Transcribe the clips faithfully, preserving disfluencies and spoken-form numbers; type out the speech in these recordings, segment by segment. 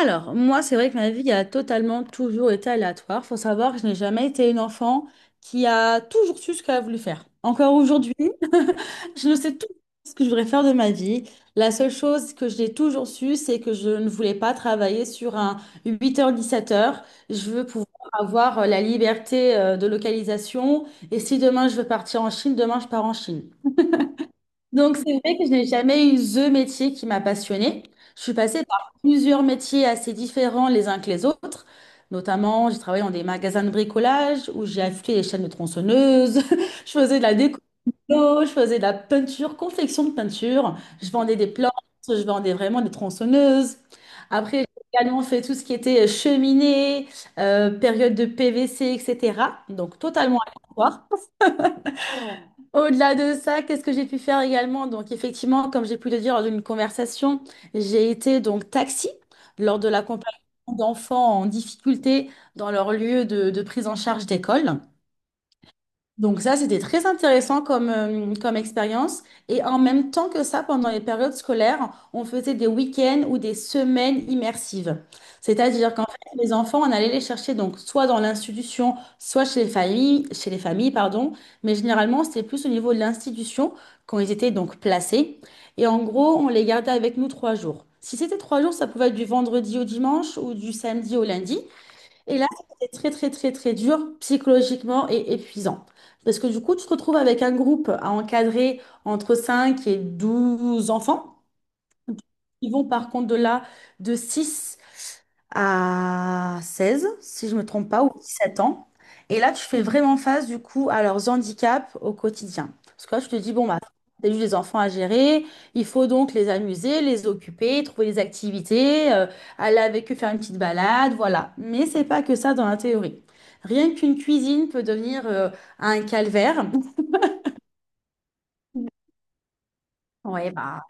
Alors, moi, c'est vrai que ma vie a totalement toujours été aléatoire. Faut savoir que je n'ai jamais été une enfant qui a toujours su ce qu'elle a voulu faire. Encore aujourd'hui, je ne sais toujours pas ce que je voudrais faire de ma vie. La seule chose que j'ai toujours su, c'est que je ne voulais pas travailler sur un huit h dix-sept heures. Je veux pouvoir avoir euh, la liberté euh, de localisation. Et si demain je veux partir en Chine, demain je pars en Chine. Donc, c'est vrai que je n'ai jamais eu ce métier qui m'a passionnée. Je suis passée par plusieurs métiers assez différents les uns que les autres. Notamment, j'ai travaillé dans des magasins de bricolage où j'ai affûté les chaînes de tronçonneuses. Je faisais de la déco, je faisais de la peinture, confection de peinture. Je vendais des plantes, je vendais vraiment des tronçonneuses. Après, j'ai également fait tout ce qui était cheminée, euh, période de P V C, et cetera. Donc, totalement aléatoire. Au-delà de ça, qu'est-ce que j'ai pu faire également? Donc, effectivement, comme j'ai pu le dire lors d'une conversation, j'ai été donc taxi lors de l'accompagnement d'enfants en difficulté dans leur lieu de, de prise en charge d'école. Donc ça, c'était très intéressant comme, euh, comme expérience. Et en même temps que ça, pendant les périodes scolaires, on faisait des week-ends ou des semaines immersives. C'est-à-dire qu'en fait, les enfants, on allait les chercher donc soit dans l'institution, soit chez les familles, chez les familles, pardon. Mais généralement, c'était plus au niveau de l'institution quand ils étaient donc placés. Et en gros, on les gardait avec nous trois jours. Si c'était trois jours, ça pouvait être du vendredi au dimanche ou du samedi au lundi. Et là, c'était très, très, très, très dur psychologiquement et épuisant. Parce que du coup, tu te retrouves avec un groupe à encadrer entre cinq et douze enfants. Ils vont par contre de là de six à seize, si je me trompe pas, ou dix-sept ans. Et là, tu fais vraiment face, du coup, à leurs handicaps au quotidien. Parce que là, je te dis, bon, bah, t'as juste des enfants à gérer, il faut donc les amuser, les occuper, trouver des activités, euh, aller avec eux faire une petite balade, voilà. Mais c'est pas que ça dans la théorie. Rien qu'une cuisine peut devenir euh, un calvaire. Ouais, bah.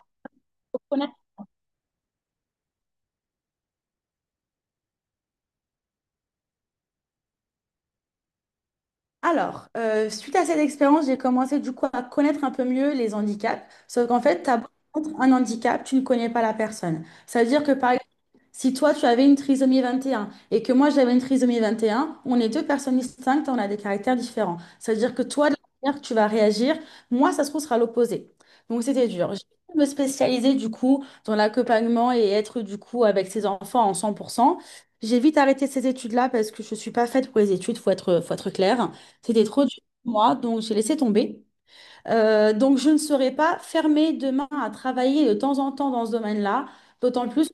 Alors, euh, suite à cette expérience, j'ai commencé du coup à connaître un peu mieux les handicaps. Sauf qu'en fait, tu as un handicap, tu ne connais pas la personne. Ça veut dire que par si toi, tu avais une trisomie vingt et un et un et que moi, j'avais une trisomie vingt et un, on est deux personnes distinctes on a des caractères différents. C'est-à-dire que toi, de la manière que tu vas réagir, moi, ça se trouve, sera l'opposé. Donc, c'était dur. J'ai voulu me spécialiser du coup dans l'accompagnement et être du coup avec ces enfants en cent pour cent. J'ai vite arrêté ces études-là parce que je ne suis pas faite pour les études, faut être, faut être clair. C'était trop dur pour moi, donc j'ai laissé tomber. Euh, donc, je ne serais pas fermée demain à travailler de temps en temps dans ce domaine-là, d'autant plus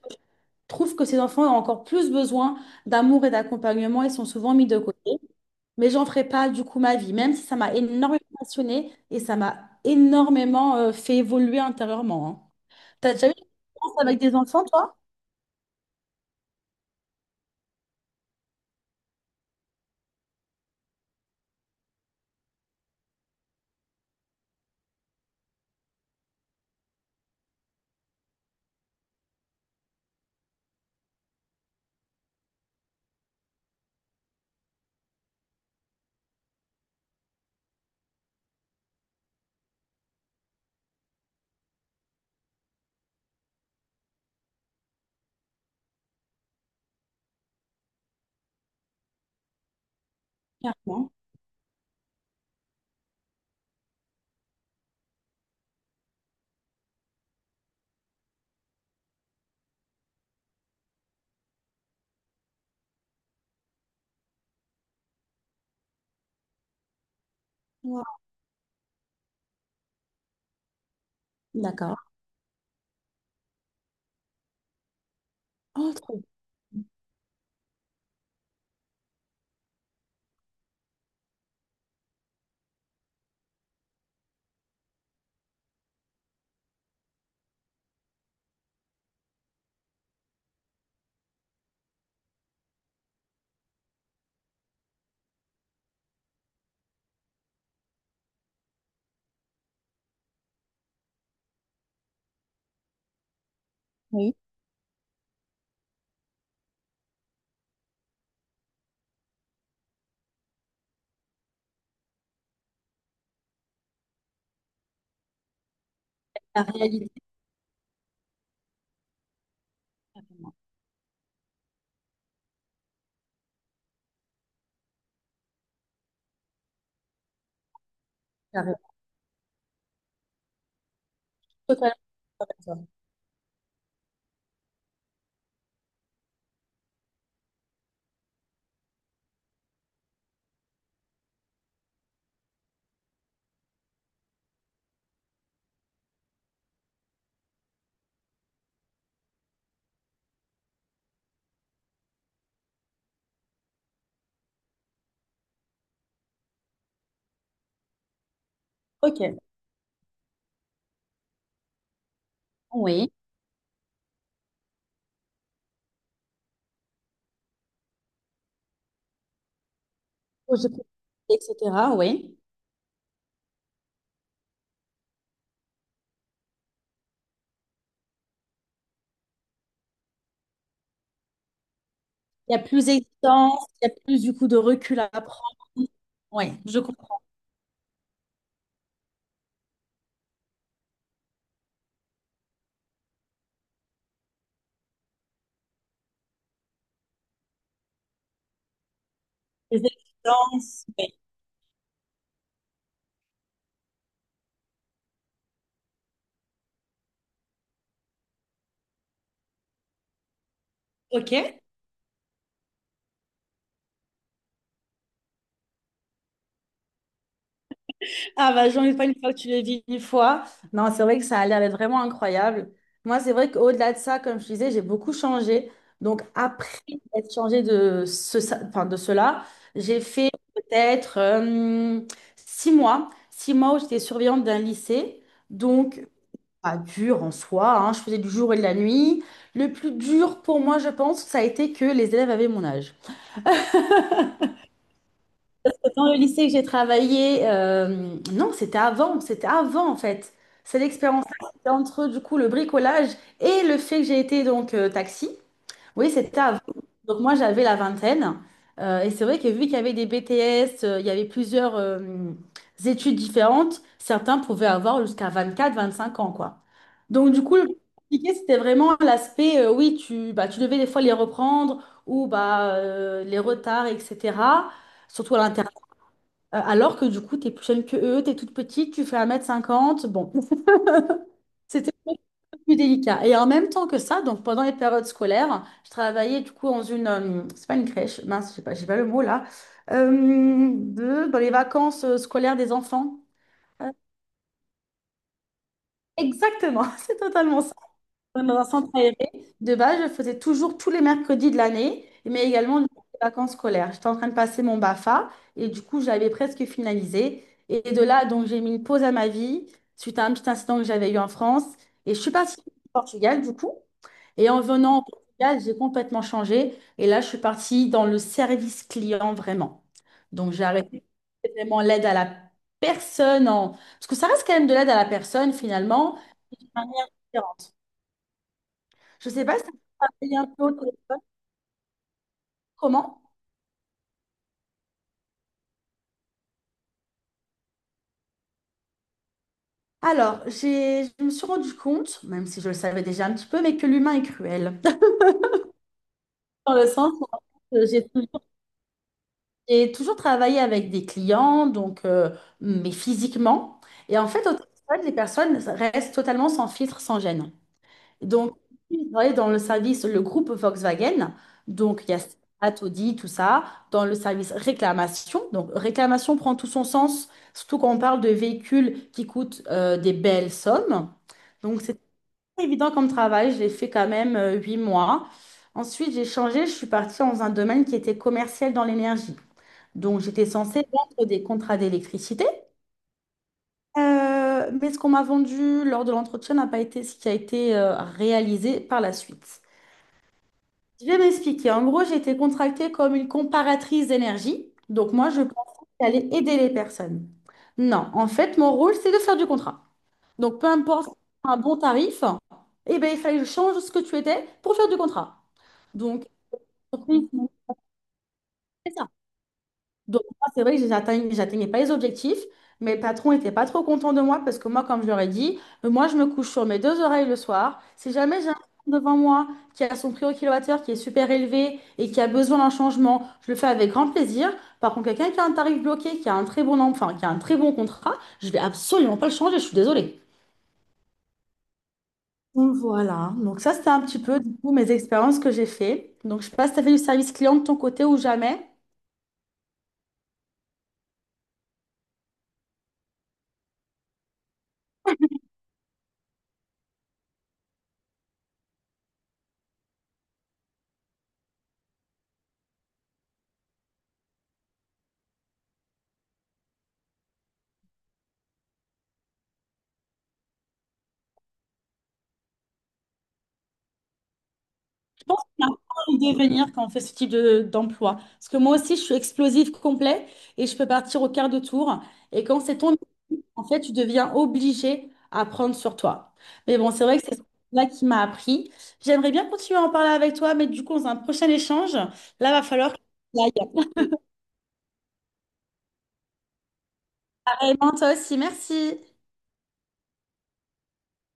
trouve que ces enfants ont encore plus besoin d'amour et d'accompagnement et sont souvent mis de côté. Mais j'en ferai pas du coup ma vie, même si ça m'a énormément passionnée et ça m'a énormément euh, fait évoluer intérieurement. Hein. T'as déjà eu des expériences avec des enfants, toi? Clairement. Wow. D'accord. Oh, trop bien. Oui. La réalité. Carrément. Totalement d'accord. Ok. Oui, projet préparé, et cetera. Oui. Il y a plus d'existence, il y a plus du coup de recul à prendre. Oui, je comprends. Les exigences, oui. Ok. Ah bah j'en ai pas une fois que tu le vis une fois. Non, c'est vrai que ça a l'air d'être vraiment incroyable. Moi, c'est vrai qu'au-delà de ça, comme je disais, j'ai beaucoup changé. Donc après être changé de ce, ça- enfin, de cela, j'ai fait peut-être euh, six mois. Six mois où j'étais surveillante d'un lycée. Donc pas dur en soi, hein, je faisais du jour et de la nuit. Le plus dur pour moi, je pense, ça a été que les élèves avaient mon âge. Dans le lycée que j'ai travaillé, euh, non, c'était avant, c'était avant en fait. C'est l'expérience-là, c'était entre du coup le bricolage et le fait que j'ai été donc euh, taxi. Oui, c'était avant. Donc moi, j'avais la vingtaine. Euh, et c'est vrai que vu qu'il y avait des B T S, euh, il y avait plusieurs euh, études différentes, certains pouvaient avoir jusqu'à vingt-quatre, vingt-cinq ans, quoi. Donc du coup, le plus compliqué, c'était vraiment l'aspect, euh, oui, tu, bah, tu devais des fois les reprendre ou bah, euh, les retards, et cetera. Surtout à l'intérieur. Alors que du coup, tu es plus jeune que eux, tu es toute petite, tu fais un mètre cinquante. Bon, c'était plus délicat. Et en même temps que ça, donc pendant les périodes scolaires, je travaillais du coup dans une, euh, c'est pas une crèche, mince, j'ai pas, j'ai pas le mot là, euh, de- dans les vacances euh, scolaires des enfants. Euh, Exactement, c'est totalement dans un centre aéré. De base, je faisais toujours tous les mercredis de l'année, mais également durant les vacances scolaires. J'étais en train de passer mon BAFA et du coup, j'avais presque finalisé. Et de là, donc, j'ai mis une pause à ma vie suite à un petit incident que j'avais eu en France. Et je suis partie au Portugal, du coup. Et en venant au Portugal, j'ai complètement changé. Et là, je suis partie dans le service client vraiment. Donc, j'ai arrêté vraiment l'aide à la personne. En... Parce que ça reste quand même de l'aide à la personne, finalement. Je sais pas si ça travaillé un peu au téléphone. Comment? Alors, j'ai, je me suis rendu compte, même si je le savais déjà un petit peu, mais que l'humain est cruel. Dans le sens où euh, j'ai j'ai toujours travaillé avec des clients, donc, euh, mais physiquement. Et en fait, au téléphone, les personnes restent totalement sans filtre, sans gêne. Donc, il travaillait dans le service, le groupe Volkswagen. Donc, il y a Audi, tout ça, dans le service réclamation. Donc, réclamation prend tout son sens, surtout quand on parle de véhicules qui coûtent euh, des belles sommes. Donc, c'est pas évident comme travail. J'ai fait quand même euh, huit mois. Ensuite, j'ai changé. Je suis partie dans un domaine qui était commercial dans l'énergie. Donc, j'étais censée vendre des contrats d'électricité. Euh, mais ce qu'on m'a vendu lors de l'entretien n'a pas été ce qui a été euh, réalisé par la suite. Je vais m'expliquer. En gros, j'ai été contractée comme une comparatrice d'énergie. Donc, moi, je pensais que j'allais aider les personnes. Non, en fait, mon rôle, c'est de faire du contrat. Donc, peu importe un bon tarif, eh ben, il fallait que je change ce que tu étais pour faire du contrat. Donc, c'est ça. Donc, moi, c'est vrai que j'atteignais, j'atteignais pas les objectifs. Mes patrons n'étaient pas trop contents de moi parce que moi, comme je leur ai dit, euh, moi, je me couche sur mes deux oreilles le soir. Si jamais j'ai un client devant moi qui a son prix au kilowattheure qui est super élevé et qui a besoin d'un changement, je le fais avec grand plaisir. Par contre, quelqu'un qui a un tarif bloqué, qui a un très bon, em- enfin, qui a un très bon contrat, je vais absolument pas le changer, je suis désolée. Donc voilà, donc ça c'était un petit peu du coup mes expériences que j'ai fait. Donc je sais pas si tu as fait du service client de ton côté ou jamais. Pense qu'on apprend à le devenir quand on fait ce type de- d'emploi. Parce que moi aussi, je suis explosive complet et je peux partir au quart de tour. Et quand c'est ton, en fait, tu deviens obligé à prendre sur toi. Mais bon, c'est vrai que c'est là qui m'a appris. J'aimerais bien continuer à en parler avec toi, mais du coup, dans un prochain échange, là, va falloir que j'y aille. Pareillement, toi aussi, merci.